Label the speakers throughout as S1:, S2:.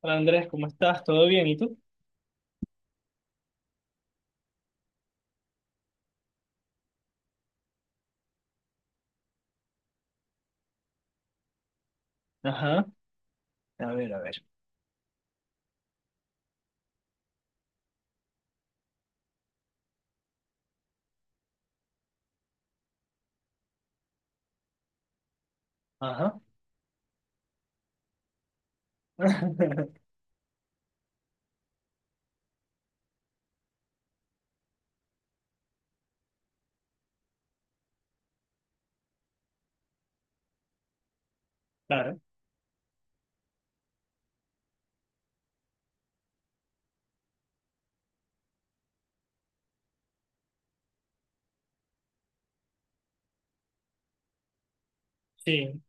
S1: Hola Andrés, ¿cómo estás? ¿Todo bien? ¿Y tú? Ajá. A ver, a ver. Ajá. Claro, sí.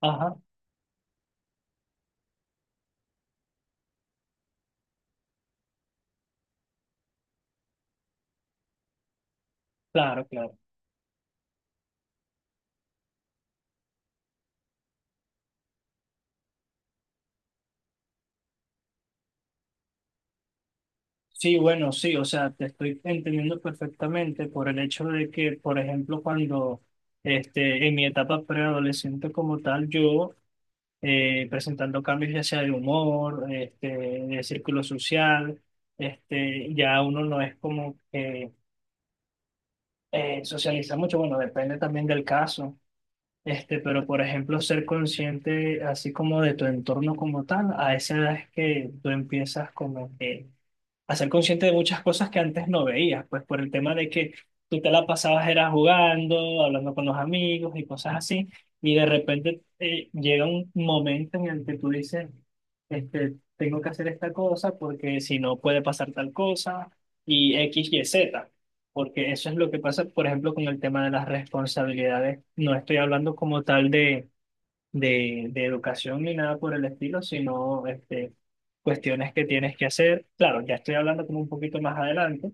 S1: Ajá. Claro, claro. Sí, bueno, sí, o sea, te estoy entendiendo perfectamente por el hecho de que, por ejemplo, cuando este, en mi etapa preadolescente como tal, yo presentando cambios ya sea de humor, este, de círculo social, este, ya uno no es como que socializa mucho, bueno, depende también del caso. Este, pero por ejemplo, ser consciente así como de tu entorno como tal, a esa edad es que tú empiezas como que a ser consciente de muchas cosas que antes no veías, pues por el tema de que tú te la pasabas era jugando, hablando con los amigos y cosas así, y de repente llega un momento en el que tú dices, este, tengo que hacer esta cosa porque si no puede pasar tal cosa, y X, Y, Z. Porque eso es lo que pasa, por ejemplo, con el tema de las responsabilidades. No estoy hablando como tal de de educación ni nada por el estilo, sino este, cuestiones que tienes que hacer. Claro, ya estoy hablando como un poquito más adelante,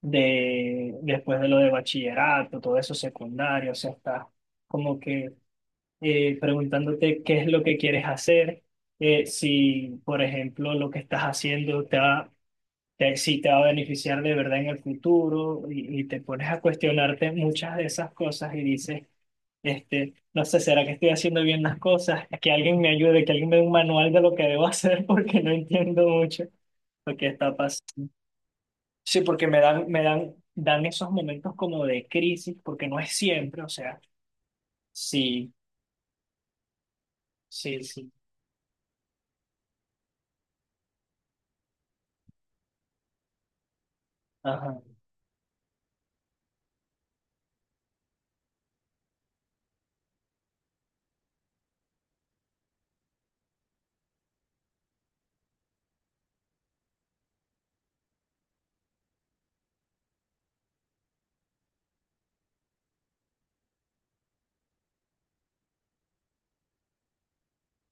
S1: de después de lo de bachillerato, todo eso secundario, o sea, estás como que preguntándote qué es lo que quieres hacer, si, por ejemplo, lo que estás haciendo te va... si te va a beneficiar de verdad en el futuro y te pones a cuestionarte muchas de esas cosas y dices, este, no sé, ¿será que estoy haciendo bien las cosas? Que alguien me ayude, que alguien me dé un manual de lo que debo hacer porque no entiendo mucho lo que está pasando. Sí, porque me dan esos momentos como de crisis, porque no es siempre, o sea, sí, sí, sí. Ajá,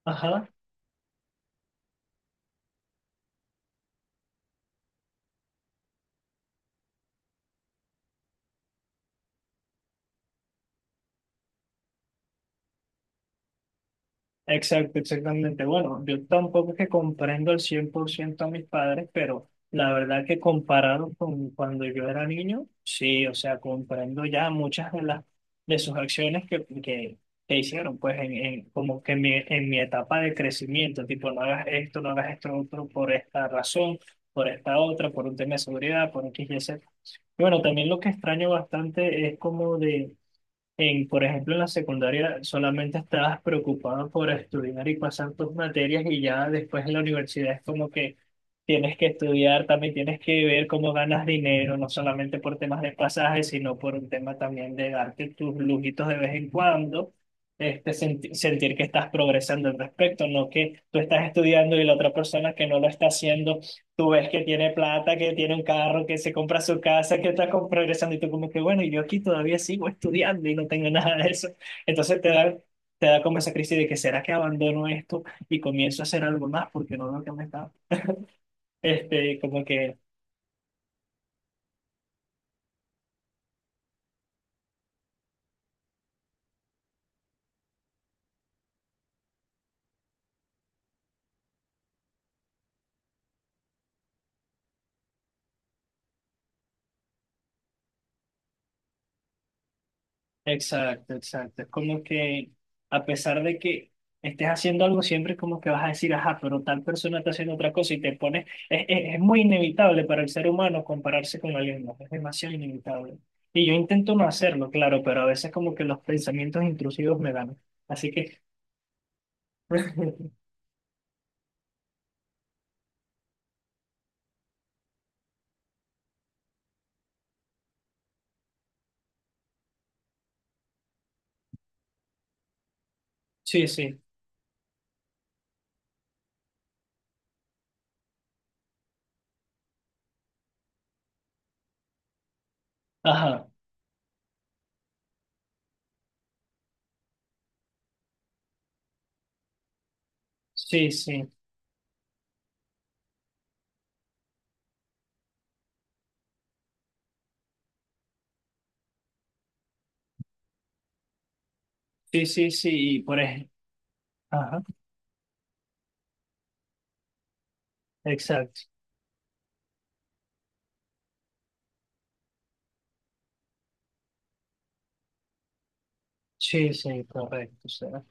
S1: ajá. Exacto, exactamente. Bueno, yo tampoco es que comprendo al 100% a mis padres, pero la verdad que comparado con cuando yo era niño, sí, o sea, comprendo ya muchas de las de sus acciones que hicieron, pues en, como que en mi etapa de crecimiento, tipo, no hagas esto, no hagas esto otro por esta razón, por esta otra, por un tema de seguridad, por X y Z. Y bueno, también lo que extraño bastante es como de en, por ejemplo, en la secundaria solamente estabas preocupado por estudiar y pasar tus materias y ya después en la universidad es como que tienes que estudiar, también tienes que ver cómo ganas dinero, no solamente por temas de pasaje, sino por un tema también de darte tus lujitos de vez en cuando, este, sentir que estás progresando al respecto, no que tú estás estudiando y la otra persona que no lo está haciendo. Tú ves que tiene plata, que tiene un carro, que se compra su casa, que está progresando y tú como que, bueno, y yo aquí todavía sigo estudiando y no tengo nada de eso. Entonces te da como esa crisis de que, ¿será que abandono esto y comienzo a hacer algo más porque no veo que me está? Este, como que. Exacto, exacto. Es como que a pesar de que estés haciendo algo, siempre como que vas a decir, ajá, pero tal persona está haciendo otra cosa y te pones, es muy inevitable para el ser humano compararse con alguien más, es demasiado inevitable. Y yo intento no hacerlo, claro, pero a veces como que los pensamientos intrusivos me ganan. Así que, sí, sí, ajá, sí, sí, sí, sí, sí, y por ejemplo, ajá, exacto, sí, sí, correcto. O sea,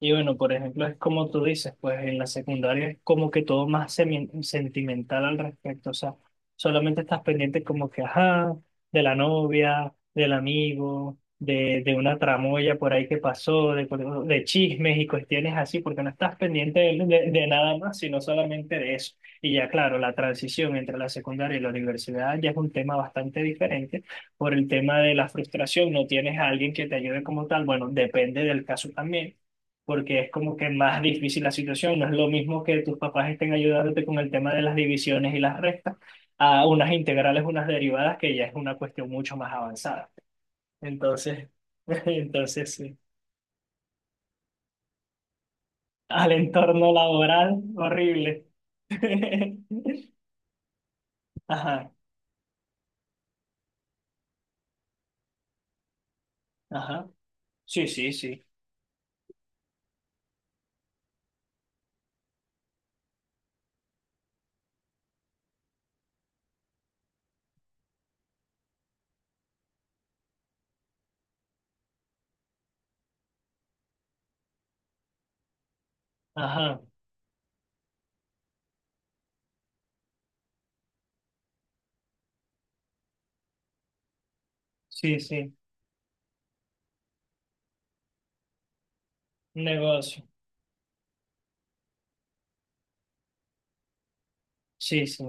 S1: y bueno, por ejemplo, es como tú dices, pues en la secundaria es como que todo más sentimental al respecto, o sea, solamente estás pendiente como que, ajá, de la novia, del amigo, de una tramoya por ahí que pasó, de, de chismes y cuestiones así, porque no estás pendiente de, de nada más, sino solamente de eso. Y ya claro, la transición entre la secundaria y la universidad ya es un tema bastante diferente por el tema de la frustración, no tienes a alguien que te ayude como tal, bueno, depende del caso también porque es como que más difícil la situación. No es lo mismo que tus papás estén ayudándote con el tema de las divisiones y las restas, a unas integrales, unas derivadas, que ya es una cuestión mucho más avanzada. Entonces, entonces sí. Al entorno laboral, horrible. Ajá, ajá. Sí, sí, sí. Ajá, sí, sí. Un negocio. Sí, sí.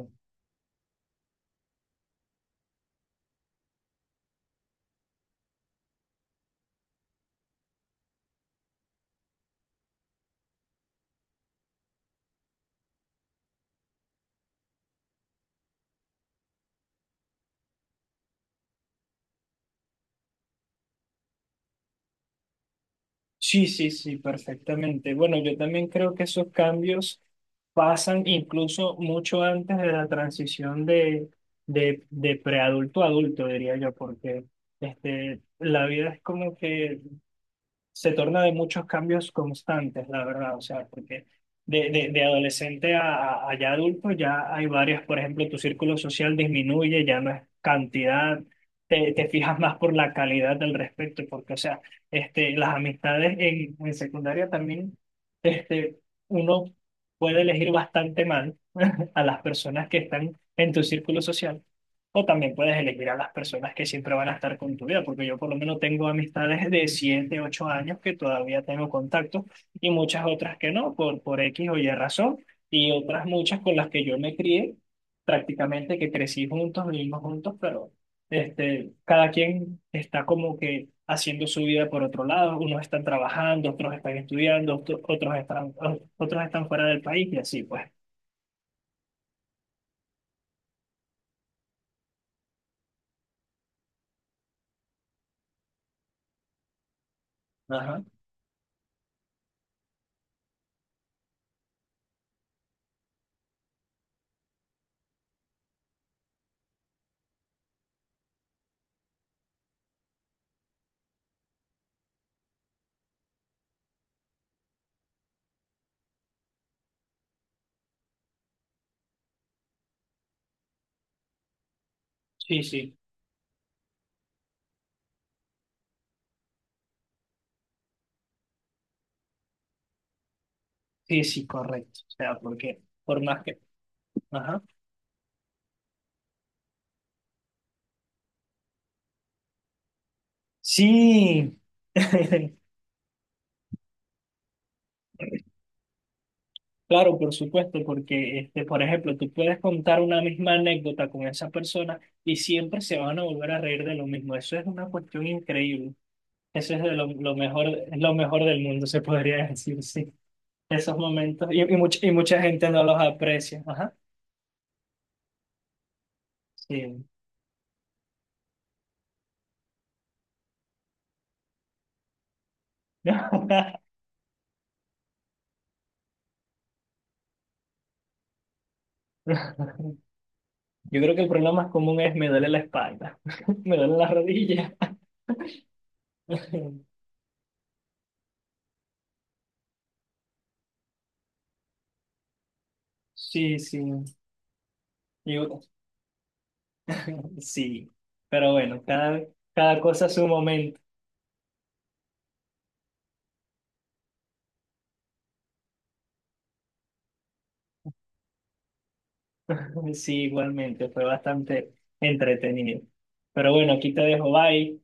S1: Sí, sí, sí, perfectamente. Bueno, yo también creo que esos cambios pasan incluso mucho antes de la transición de, de preadulto a adulto, diría yo, porque este, la vida es como que se torna de muchos cambios constantes, la verdad, o sea, porque de, de adolescente a, ya adulto ya hay varias, por ejemplo, tu círculo social disminuye, ya no es cantidad, te fijas más por la calidad del respecto, porque, o sea, este, las amistades en secundaria también, este, uno puede elegir bastante mal a las personas que están en tu círculo social o también puedes elegir a las personas que siempre van a estar con tu vida, porque yo por lo menos tengo amistades de 7 8 años que todavía tengo contacto y muchas otras que no, por X o Y razón, y otras muchas con las que yo me crié, prácticamente que crecí juntos, vivimos juntos, pero este, cada quien está como que haciendo su vida por otro lado, unos están trabajando, otros están estudiando, otros están fuera del país y así pues. Ajá. Sí, sí, sí, sí, correcto. O sea, porque... Por más que, Ajá. Sí, claro, por supuesto, porque, este, por ejemplo, tú puedes contar una misma anécdota con esa persona y siempre se van a volver a reír de lo mismo. Eso es una cuestión increíble. Eso es de lo mejor, es lo mejor del mundo, se podría decir, sí. Esos momentos. Y mucha gente no los aprecia. Ajá. Sí. Yo creo que el problema más común es me duele la espalda, me duele la rodilla. Sí, sí. Yo- Sí, pero bueno, cada cosa a su momento. Sí, igualmente, fue bastante entretenido. Pero bueno, aquí te dejo, bye.